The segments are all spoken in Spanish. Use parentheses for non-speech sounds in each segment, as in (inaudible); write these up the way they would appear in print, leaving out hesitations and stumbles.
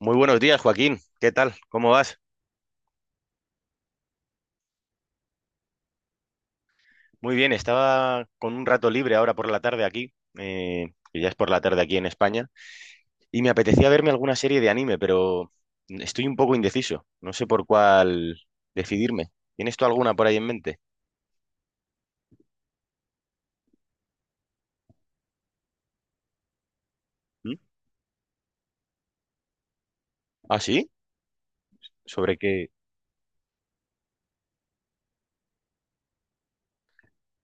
Muy buenos días, Joaquín. ¿Qué tal? ¿Cómo vas? Muy bien, estaba con un rato libre ahora por la tarde aquí, que ya es por la tarde aquí en España, y me apetecía verme alguna serie de anime, pero estoy un poco indeciso. No sé por cuál decidirme. ¿Tienes tú alguna por ahí en mente? ¿Mm? ¿Ah, sí? ¿Sobre qué?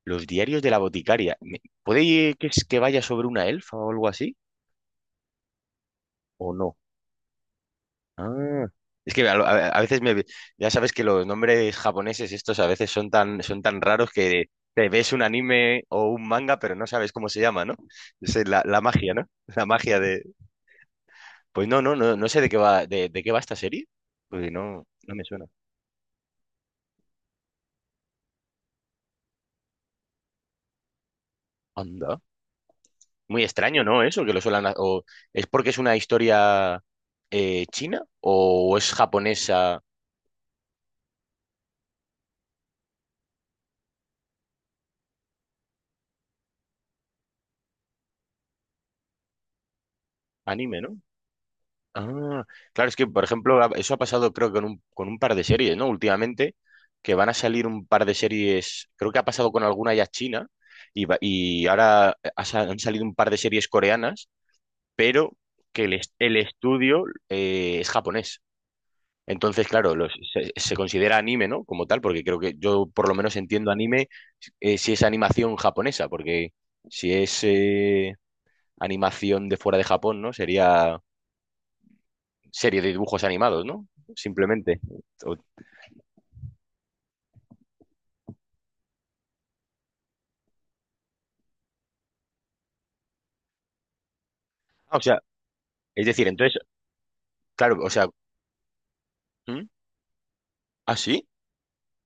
Los diarios de la boticaria. ¿Puede que que vaya sobre una elfa o algo así? ¿O no? Ah, es que a veces ya sabes que los nombres japoneses estos a veces son tan raros que te ves un anime o un manga pero no sabes cómo se llama, ¿no? Esa es la, la magia, ¿no? (laughs) La magia de... Pues no sé de qué va, de qué va esta serie, porque no, no me suena. Anda. Muy extraño, ¿no? Eso, que lo suelan... O, ¿es porque es una historia china o es japonesa anime, ¿no? Ah, claro, es que, por ejemplo, eso ha pasado creo que con un par de series, ¿no? Últimamente, que van a salir un par de series, creo que ha pasado con alguna ya china, y, y ahora han salido un par de series coreanas, pero que el estudio es japonés. Entonces, claro, se considera anime, ¿no? Como tal, porque creo que yo por lo menos entiendo anime si es animación japonesa, porque si es animación de fuera de Japón, ¿no? Sería serie de dibujos animados, ¿no? Simplemente. O, ah, o sea, es decir, entonces, claro, o sea, ¿hmm? ¿Ah, sí?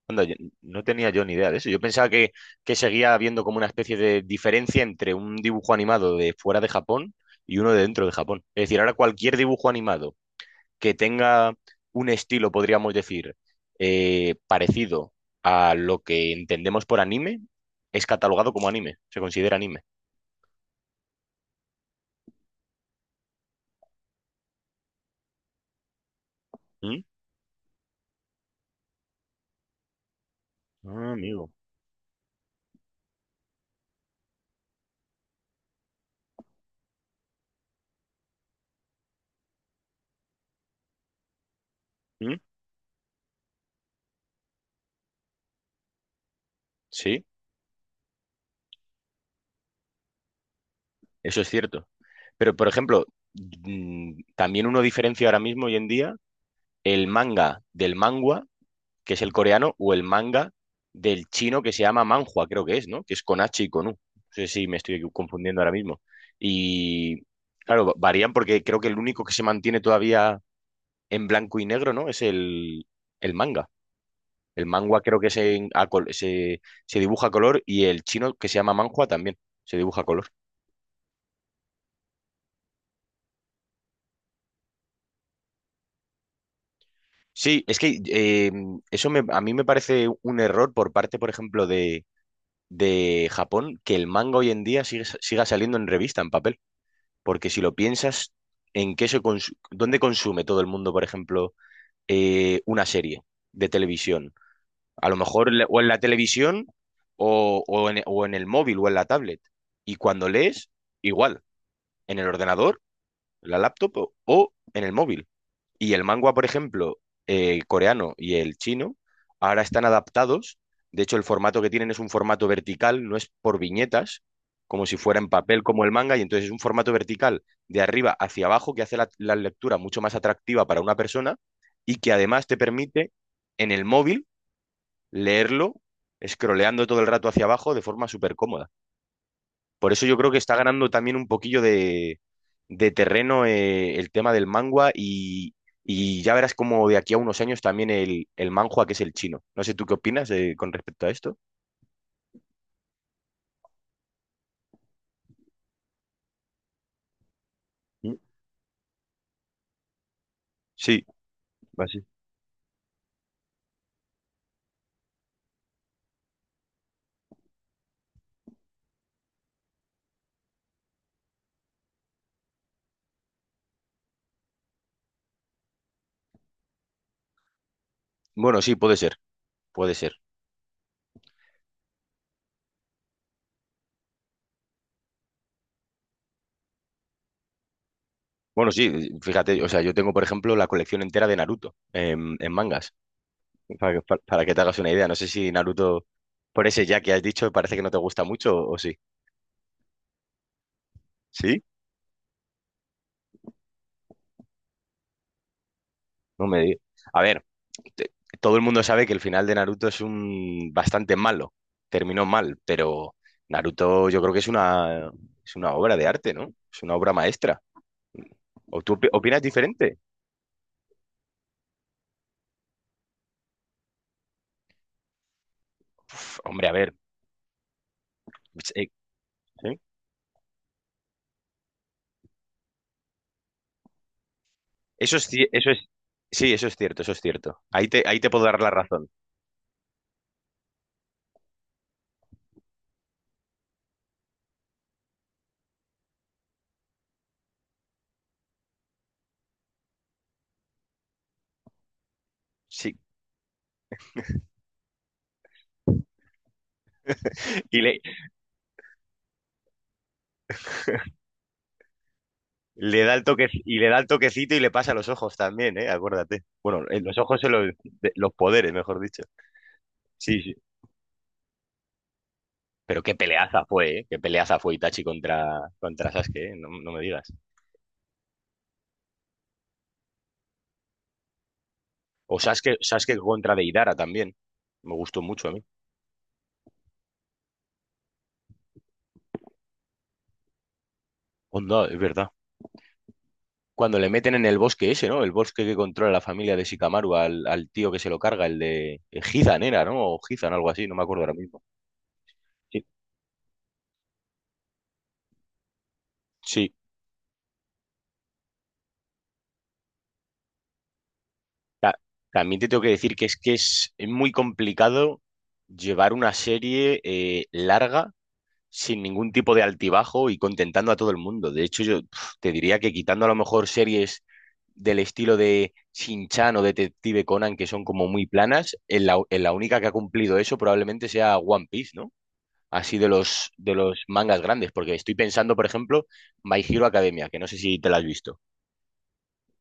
Anda, yo no tenía yo ni idea de eso. Yo pensaba que seguía habiendo como una especie de diferencia entre un dibujo animado de fuera de Japón y uno de dentro de Japón. Es decir, ahora cualquier dibujo animado que tenga un estilo, podríamos decir, parecido a lo que entendemos por anime, es catalogado como anime, se considera anime. ¿Mm? Ah, amigo. ¿Mm? Sí. Eso es cierto. Pero, por ejemplo, también uno diferencia ahora mismo, hoy en día, el manga del mangua, que es el coreano, o el manga del chino que se llama manhua, creo que es, ¿no? Que es con H y con U. No sé si me estoy confundiendo ahora mismo. Y, claro, varían porque creo que el único que se mantiene todavía en blanco y negro, ¿no? Es el manga. El mangua creo que se, se dibuja a color y el chino que se llama manhua también se dibuja a color. Sí, es que eso a mí me parece un error por parte, por ejemplo, de Japón, que el manga hoy en día siga saliendo en revista, en papel. Porque si lo piensas, ¿en qué dónde consume todo el mundo, por ejemplo, una serie de televisión? A lo mejor o en la televisión o, o en el móvil o en la tablet. Y cuando lees, igual, en el ordenador, la laptop o en el móvil. Y el manga, por ejemplo, coreano y el chino, ahora están adaptados. De hecho, el formato que tienen es un formato vertical, no es por viñetas, como si fuera en papel como el manga, y entonces es un formato vertical de arriba hacia abajo que hace la, la lectura mucho más atractiva para una persona y que además te permite en el móvil leerlo, scrolleando todo el rato hacia abajo de forma súper cómoda. Por eso yo creo que está ganando también un poquillo de terreno el tema del mangua y ya verás como de aquí a unos años también el manhua, que es el chino. No sé tú qué opinas con respecto a esto. Mm, sí, así. Bueno, sí, puede ser, puede ser. Bueno, sí, fíjate, o sea, yo tengo, por ejemplo, la colección entera de Naruto en mangas, para que te hagas una idea. No sé si Naruto, por ese ya que has dicho, parece que no te gusta mucho o sí. ¿Sí? No me digas. A ver. te- todo el mundo sabe que el final de Naruto es un bastante malo, terminó mal, pero Naruto yo creo que es una obra de arte, ¿no? Es una obra maestra. ¿O tú opinas diferente? Uf, hombre, a ver. Pues, ¿sí? Eso eso es, sí, eso es cierto, eso es cierto. Ahí te puedo dar la razón. Sí. (laughs) Y le da el toque, y le da el toquecito y le pasa los ojos también, ¿eh? Acuérdate. Bueno, en los ojos son los, los poderes, mejor dicho. Sí, sí. Pero qué peleaza fue, ¿eh? Qué peleaza fue Itachi contra, contra Sasuke, ¿eh? No, no me digas. O Sasuke, Sasuke contra Deidara también. Me gustó mucho a mí. Onda, es verdad. Cuando le meten en el bosque ese, ¿no? El bosque que controla la familia de Shikamaru al, al tío que se lo carga, el de Hizan era, ¿no? O Hizan, algo así, no me acuerdo ahora mismo. Sí, sí. Ta- también te tengo que decir que es muy complicado llevar una serie larga sin ningún tipo de altibajo y contentando a todo el mundo. De hecho, yo pf, te diría que quitando a lo mejor series del estilo de Shin-Chan o Detective Conan, que son como muy planas, en la única que ha cumplido eso probablemente sea One Piece, ¿no? Así de los mangas grandes, porque estoy pensando, por ejemplo, My Hero Academia, que no sé si te la has visto.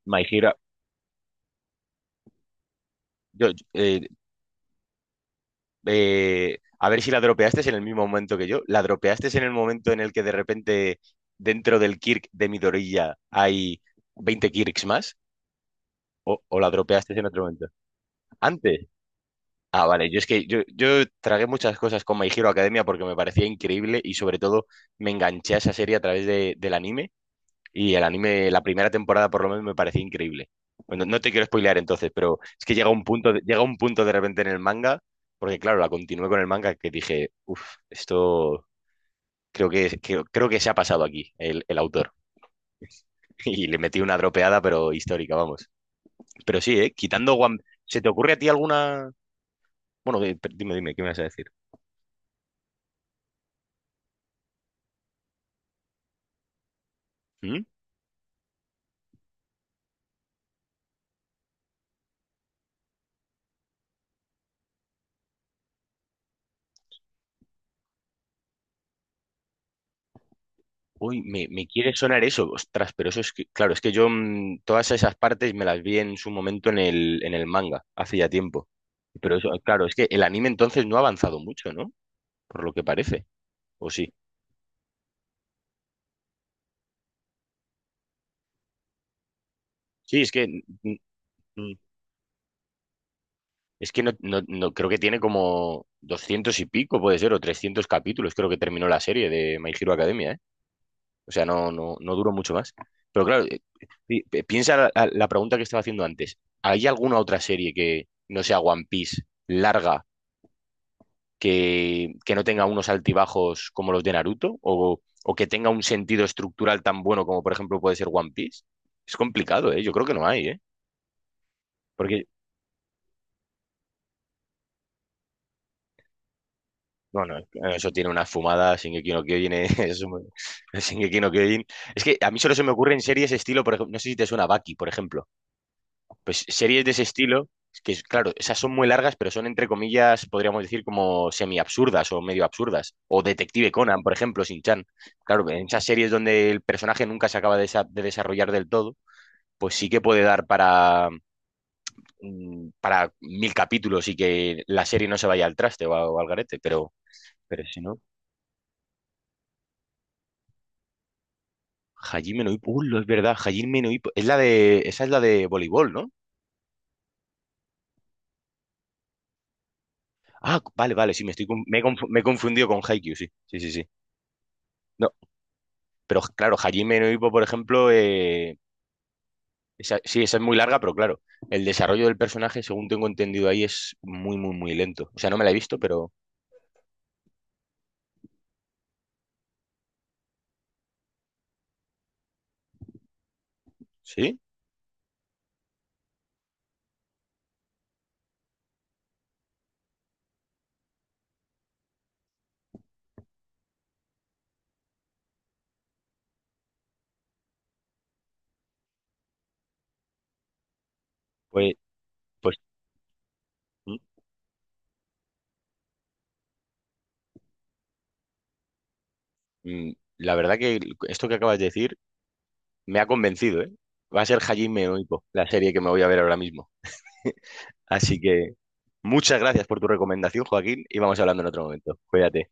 My Hero, yo, yo, eh, a ver si la dropeaste en el mismo momento que yo. La dropeaste en el momento en el que de repente dentro del Kirk de Midorilla hay 20 Kirks más. O la dropeaste en otro momento? Antes. Ah, vale. Yo es que yo tragué muchas cosas con My Hero Academia porque me parecía increíble y sobre todo me enganché a esa serie a través del anime y el anime, la primera temporada por lo menos me parecía increíble. Bueno, no te quiero spoilear entonces, pero es que llega un punto, llega un punto de repente en el manga, porque claro, la continué con el manga que dije, uff, esto creo que, creo que se ha pasado aquí el autor. (laughs) Y le metí una dropeada, pero histórica, vamos. Pero sí, ¿eh? Quitando One... ¿Se te ocurre a ti alguna... Bueno, dime, dime, ¿qué me vas a decir? ¿Mm? Uy, me quiere sonar eso, ostras, pero eso es que, claro, es que yo todas esas partes me las vi en su momento en el manga, hace ya tiempo. Pero eso, claro, es que el anime entonces no ha avanzado mucho, ¿no? Por lo que parece, ¿o sí? Sí, es que, mm, mm, mm, es que creo que tiene como 200 y pico, puede ser, o 300 capítulos, creo que terminó la serie de My Hero Academia, ¿eh? O sea, no, no, no duró mucho más. Pero claro, piensa la, la pregunta que estaba haciendo antes. ¿Hay alguna otra serie que no sea One Piece larga que no tenga unos altibajos como los de Naruto? O que tenga un sentido estructural tan bueno como por ejemplo puede ser One Piece? Es complicado, ¿eh? Yo creo que no hay, ¿eh? Porque, bueno, eso tiene una fumada, Shingeki no Kyojin, (laughs) es un- Shingeki no Kyojin. Es que a mí solo se me ocurren series estilo, por ejemplo, no sé si te suena Baki, por ejemplo. Pues series de ese estilo, claro, esas son muy largas, pero son entre comillas, podríamos decir, como semi-absurdas o medio absurdas. O Detective Conan, por ejemplo, sin chan. Claro, en esas series donde el personaje nunca se acaba de, de desarrollar del todo, pues sí que puede dar para, para 1000 capítulos y que la serie no se vaya al traste o, o al garete, pero si no. Hajime no Ippo, lo es verdad, Hajime no Ippo. Es la de, esa es la de voleibol, ¿no? Ah, vale, vale, sí, me he confundido con Haikyuu, sí, sí, sí, sí. No, pero claro, Hajime no Ippo, por ejemplo, sí, esa es muy larga, pero claro, el desarrollo del personaje, según tengo entendido ahí, es muy, muy, muy lento. O sea, no me la he visto, pero sí, pues, pues mm, la verdad que esto que acabas de decir me ha convencido, ¿eh? Va a ser Hajime no Ippo, la serie que me voy a ver ahora mismo. Así que muchas gracias por tu recomendación, Joaquín, y vamos hablando en otro momento. Cuídate.